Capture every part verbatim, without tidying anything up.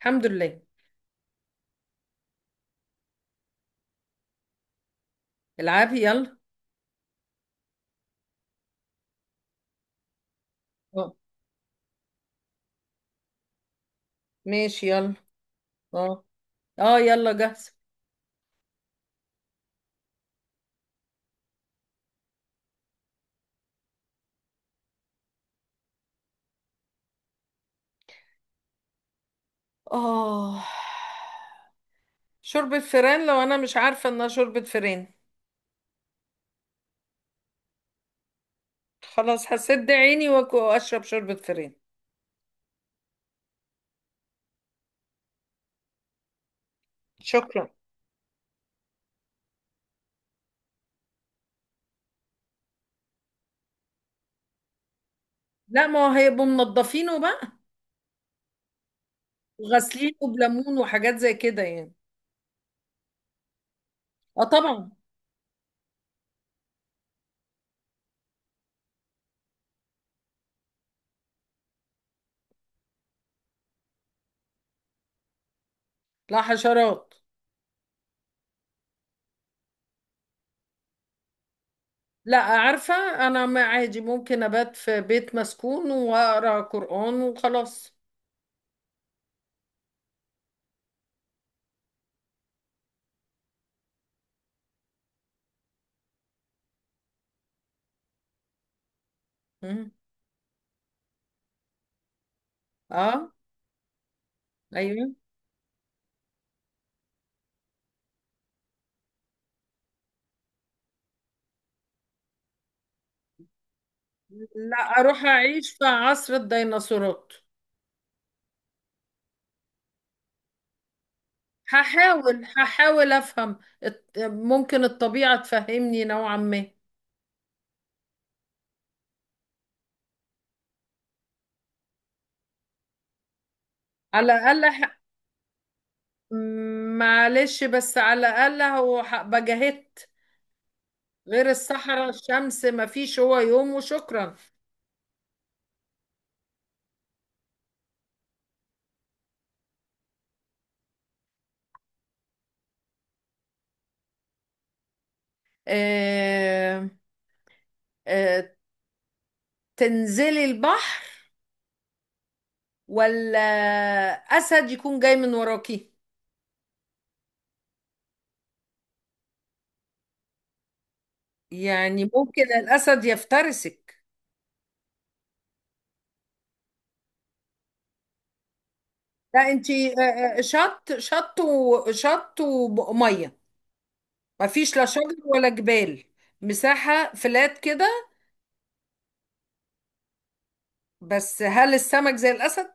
الحمد لله. العبي يلا. اه، ماشي يلا. اه، اه يلا جاهز. اه، شوربة فران لو انا مش عارفة انها شوربة فران. خلاص، هسد عيني وأك- واشرب شوربة فران. شكرا. لا، ما هو هيبقوا منضفينه بقى وغاسلينه بليمون وحاجات زي كده يعني. اه طبعا. لا، حشرات. لا، عارفة انا، ما عادي ممكن ابات في بيت مسكون واقرا قرآن وخلاص. مم. اه. ايوه. لا، اروح اعيش في عصر الديناصورات. هحاول هحاول افهم الت- ممكن الطبيعة تفهمني نوعا ما. على الاقل ح... معلش، بس على الاقل هو ح- بجاهدت. غير الصحراء الشمس ما فيش هو يوم، وشكرا. آه... آه... تنزلي البحر، ولا اسد يكون جاي من وراكي؟ يعني ممكن الاسد يفترسك. لا انت، آه، آه، شط شط وشط وميه. ما فيش لا شجر ولا جبال، مساحة فلات كده. بس هل السمك زي الأسد؟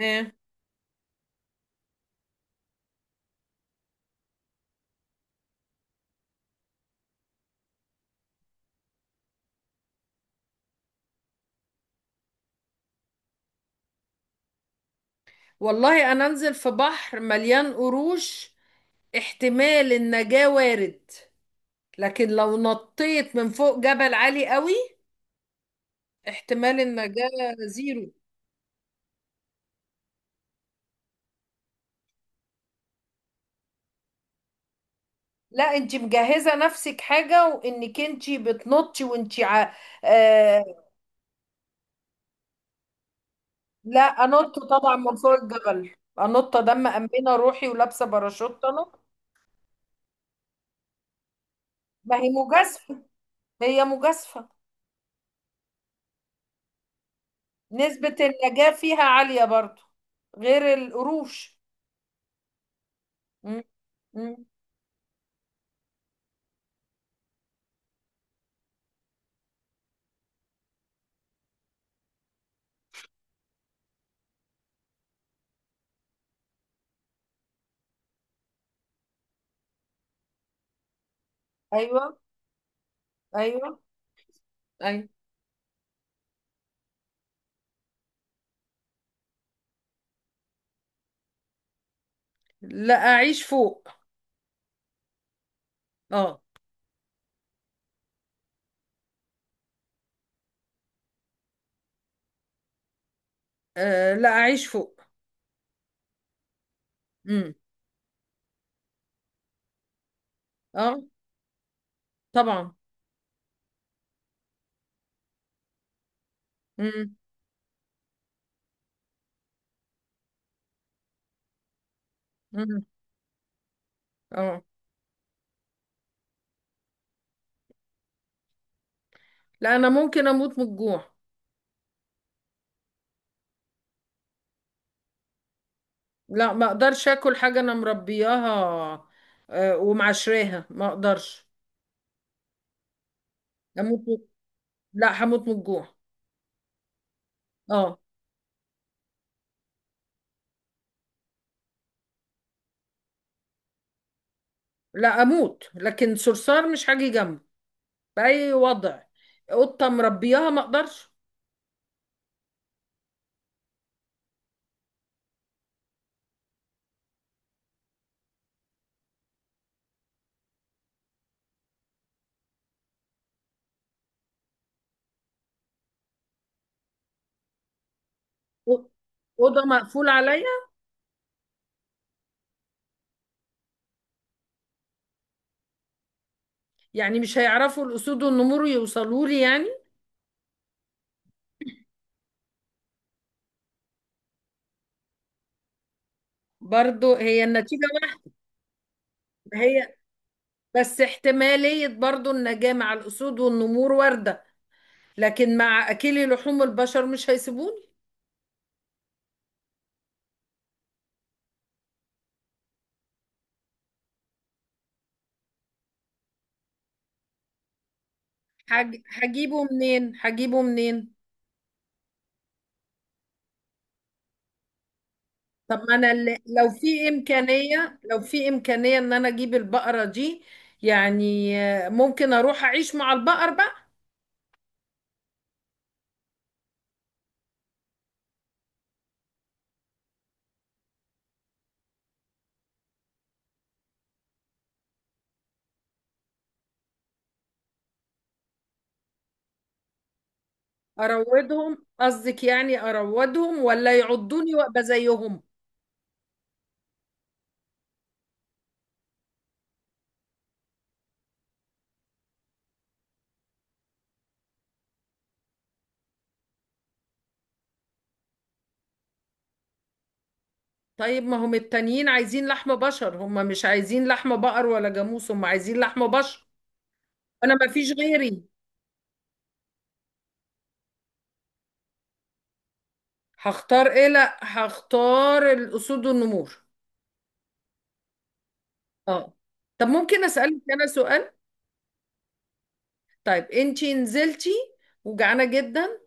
ايه. والله أنا أنزل في بحر مليان قروش، احتمال النجاة وارد. لكن لو نطيت من فوق جبل عالي قوي، احتمال النجاة زيرو. لا انت مجهزة نفسك حاجة وانك انت بتنطي وانت ع... آه، لا، انط طبعا من فوق الجبل. انط، ده مأمنه روحي ولابسه باراشوت، انط. ما هي مجازفه، هي مجازفه. نسبه النجاه فيها عاليه برضو، غير القروش. مم. مم. ايوه. ايوه. ايوه. لا، اعيش فوق. اه. آه، لا، اعيش فوق. امم. اه طبعا. امم. امم. اه. لا انا ممكن اموت من الجوع. لا، ما اقدرش اكل حاجه انا مربياها آه، ومعشراها، ما اقدرش. اموت. لا، هموت من الجوع. اه. لا اموت، لكن صرصار مش هاجي جنبه باي وضع. قطه مربياها، ما اقدرش. أو- اوضه مقفول عليا. يعني مش هيعرفوا الاسود والنمور يوصلوا لي يعني. برضو هي النتيجه واحده. هي، بس احتماليه برضو النجاه مع الاسود والنمور وارده. لكن مع اكلي لحوم البشر مش هيسيبوني. هج- هجيبه منين، هجيبه منين؟ طب ما انا اللي- لو في امكانيه، لو في امكانيه ان انا اجيب البقره دي، يعني آه، ممكن اروح اعيش مع البقر بقى. اروضهم قصدك؟ يعني اروضهم ولا يعضوني وابقى زيهم؟ طيب ما هم التانيين عايزين لحم بشر، هم مش عايزين لحم بقر ولا جاموس، هم عايزين لحم بشر. انا ما فيش غيري. هختار ايه؟ لا، هختار الاسود والنمور. اه. طب ممكن اسالك انا سؤال؟ طيب انتي نزلتي وجعانه جدا،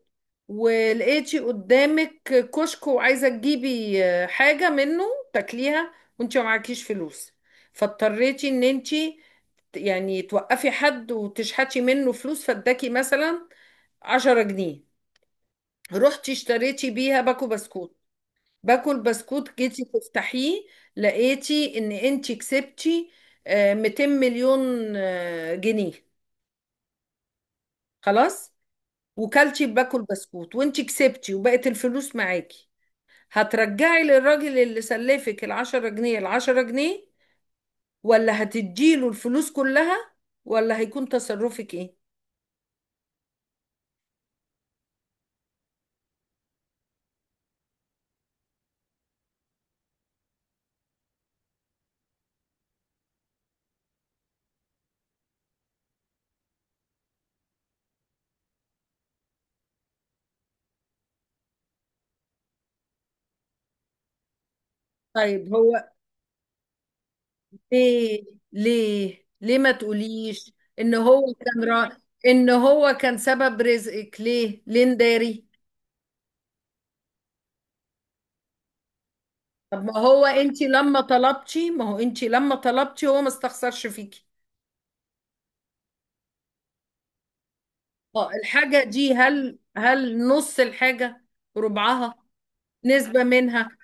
ولقيتي قدامك كشك وعايزة تجيبي آه، حاجة منه تاكليها، وانت معكيش فلوس، فاضطريتي ان انت يعني توقفي حد وتشحتي منه فلوس، فاداكي مثلا عشرة جنيه، رحتي اشتريتي بيها باكو بسكوت. باكو البسكوت جيتي تفتحيه، لقيتي ان انت كسبتي آه، مئتين مليون آه، جنيه. خلاص، وكلتي باكو البسكوت وانت كسبتي وبقت الفلوس معاكي. هترجعي للراجل اللي سلفك العشرة جنيه العشرة جنيه، ولا هتديله الفلوس كلها، ولا هيكون تصرفك ايه؟ طيب هو، ليه؟ ليه، ليه ما تقوليش ان هو كان را... ان هو كان سبب رزقك، ليه؟ ليه نداري؟ طب ما هو انت لما طلبتي، ما هو انت لما طلبتي هو ما استخسرش فيكي. اه. الحاجة دي، هل هل نص الحاجة، ربعها، نسبة منها؟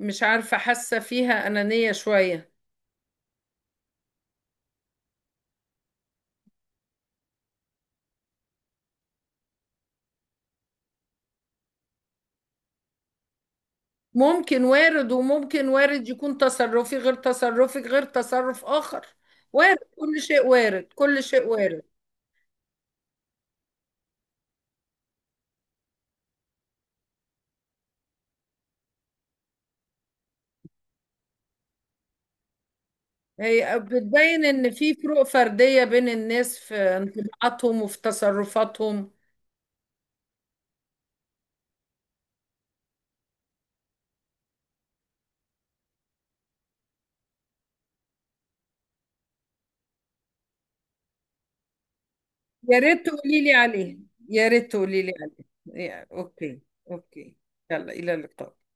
مش عارفة، حاسة فيها أنانية شوية. ممكن، وارد، وممكن وارد يكون تصرفي غير تصرفك غير تصرف آخر. وارد كل شيء، وارد كل شيء وارد. هي بتبين إن في فروق فردية بين الناس في انطباعاتهم وفي تصرفاتهم. يا ريت تقولي لي عليه، يا ريت تقولي لي عليه، يا- أوكي. أوكي. يلا، إلى اللقاء.